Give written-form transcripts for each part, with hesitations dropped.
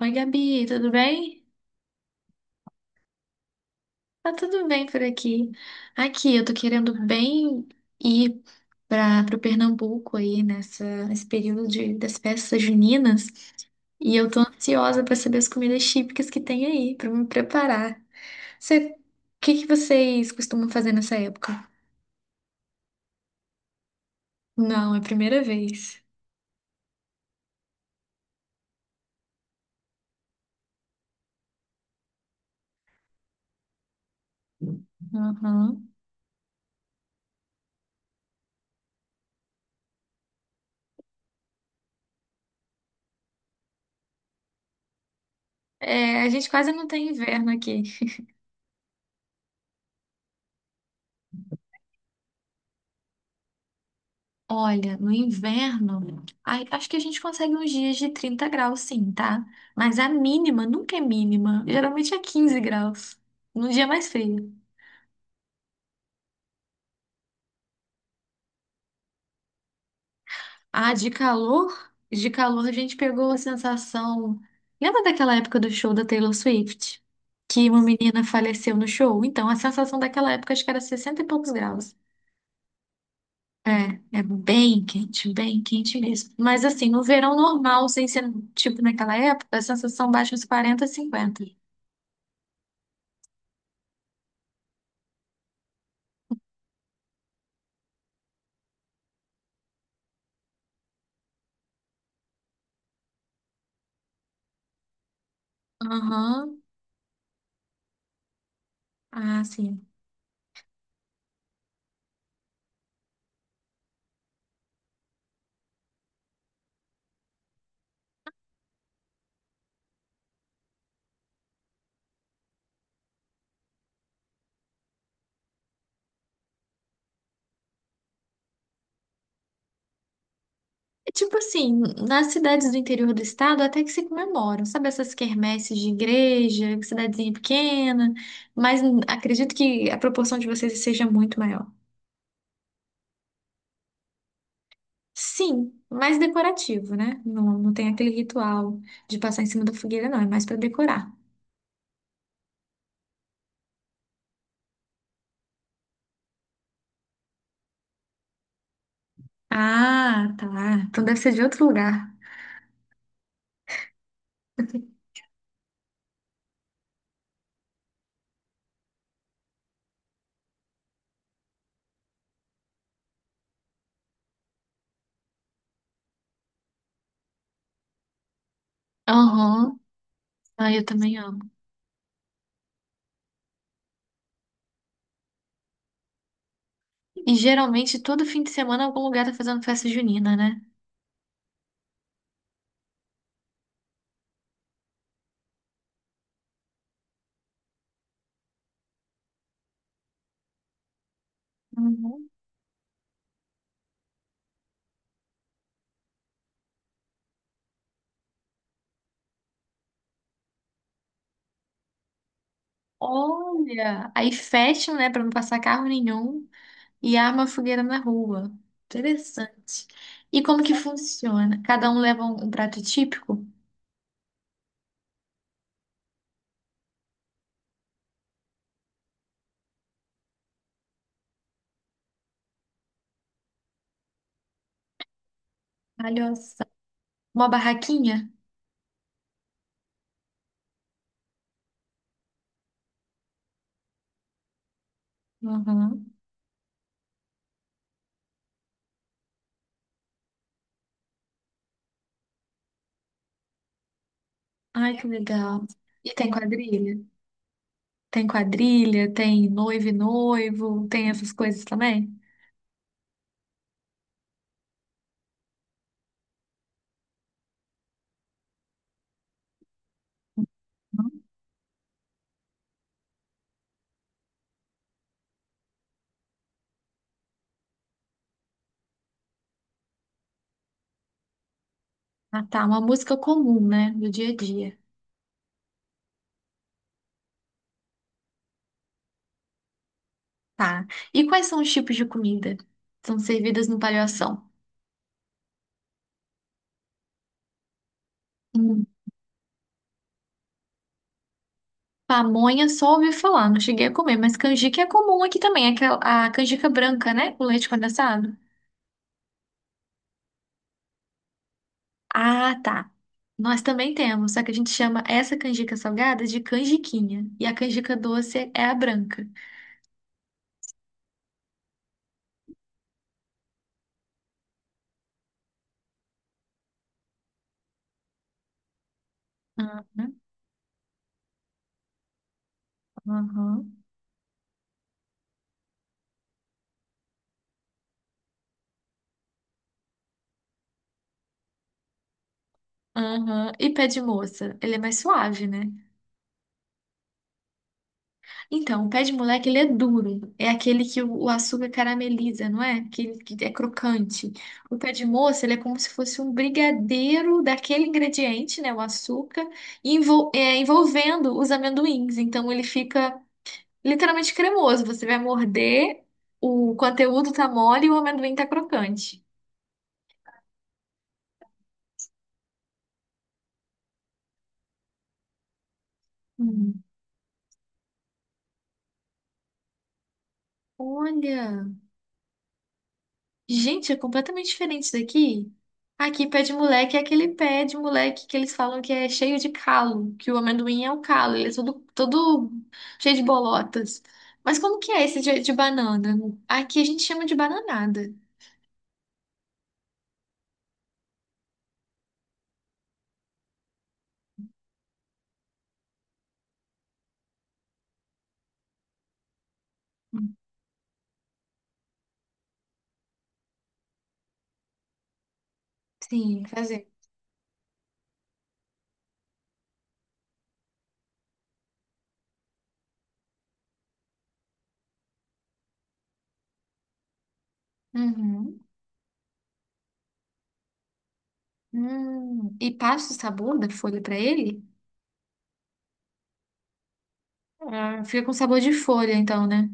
Oi, Gabi, tudo bem? Tá tudo bem por aqui. Aqui, eu tô querendo bem ir para o Pernambuco aí nesse período das festas juninas e eu tô ansiosa para saber as comidas típicas que tem aí, para me preparar. O que que vocês costumam fazer nessa época? Não, é a primeira vez. Uhum. É, a gente quase não tem inverno aqui. Olha, no inverno, ai, acho que a gente consegue uns dias de 30 graus, sim, tá? Mas a mínima nunca é mínima. Geralmente é 15 graus, num dia mais frio. Ah, de calor? De calor a gente pegou a sensação. Lembra daquela época do show da Taylor Swift? Que uma menina faleceu no show? Então, a sensação daquela época acho que era 60 e poucos graus. É, é bem quente mesmo. Mas assim, no verão normal, sem ser tipo naquela época, a sensação baixa uns 40, 50. Aham. Ah, sim. É. Tipo assim, nas cidades do interior do estado até que se comemoram, sabe? Essas quermesses de igreja, cidadezinha pequena, mas acredito que a proporção de vocês seja muito maior. Sim, mais decorativo, né? Não, não tem aquele ritual de passar em cima da fogueira, não, é mais para decorar. Ah, tá. Então deve ser de outro lugar. Aham. Ah, eu também amo. E geralmente todo fim de semana algum lugar tá fazendo festa junina, né? Uhum. Olha, aí fecham, né, para não passar carro nenhum e arma a fogueira na rua. Interessante. E como que funciona? Cada um leva um prato típico? Olha. Uma barraquinha? Uhum. Ai, que legal. E tem quadrilha? Tem quadrilha, tem noivo e noivo, tem essas coisas também? Uhum. Ah, tá. Uma música comum, né, do dia a dia. Tá. E quais são os tipos de comida? Que são servidas no palhação? Pamonha só ouvi falar, não cheguei a comer, mas canjica é comum aqui também, a canjica branca, né? Com leite condensado. Ah, tá. Nós também temos, só que a gente chama essa canjica salgada de canjiquinha. E a canjica doce é a branca. Uhum, uhum, uhum. E pé de moça? Ele é mais suave, né? Então, o pé de moleque, ele é duro. É aquele que o açúcar carameliza, não é? Aquele que é crocante. O pé de moça, ele é como se fosse um brigadeiro daquele ingrediente, né? O açúcar, envolvendo os amendoins. Então, ele fica literalmente cremoso. Você vai morder, o conteúdo tá mole e o amendoim tá crocante. Hum. Olha! Gente, é completamente diferente daqui. Aqui, pé de moleque é aquele pé de moleque que eles falam que é cheio de calo, que o amendoim é o calo, ele é todo cheio de bolotas. Mas como que é esse de banana? Aqui a gente chama de bananada. Sim, fazer. Uhum. Hum. E passa o sabor da folha pra ele? Ah, fica com sabor de folha, então, né?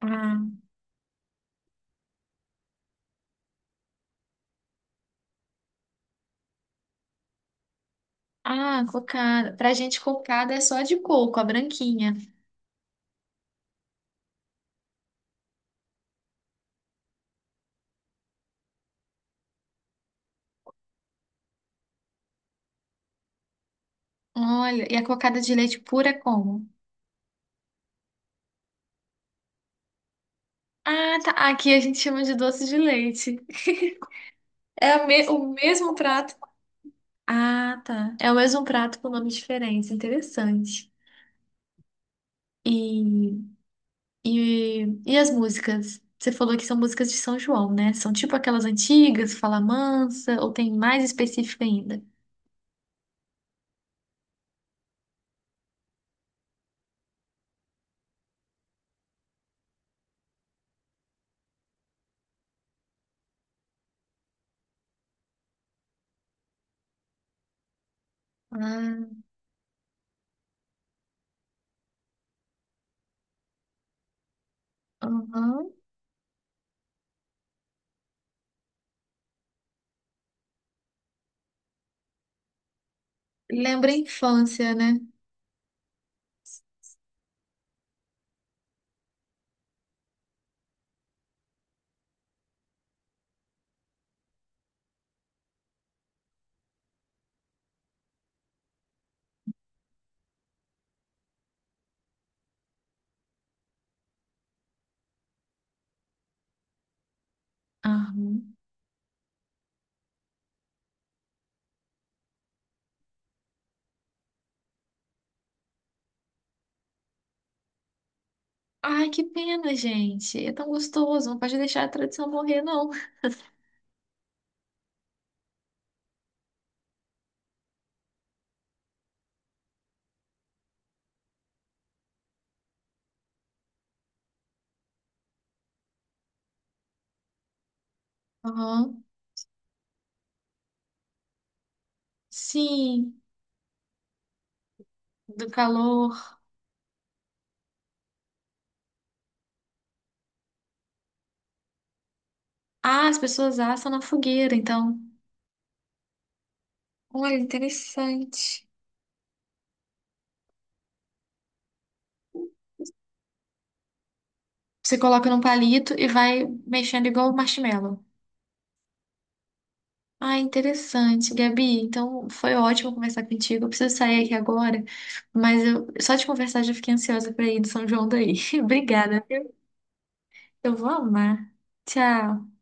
Ah, ah, cocada. Pra gente, cocada é só de coco, a branquinha. Olha, e a cocada de leite pura é como? Ah, tá. Aqui a gente chama de doce de leite. É o mesmo prato. Ah, tá. É o mesmo prato com nome diferente. Interessante. E, e as músicas? Você falou que são músicas de São João, né? São tipo aquelas antigas, Fala Mansa, ou tem mais específica ainda? Ah, aham. Lembra a infância, né? Aham. Ai, que pena, gente. É tão gostoso. Não pode deixar a tradição morrer, não. Aham. Sim, do calor. Ah, as pessoas assam na fogueira, então. Olha, interessante. Você coloca num palito e vai mexendo igual o marshmallow. Ah, interessante, Gabi. Então, foi ótimo conversar contigo. Eu preciso sair aqui agora, mas eu, só de conversar já fiquei ansiosa para ir do São João daí. Obrigada. Eu vou amar. Tchau.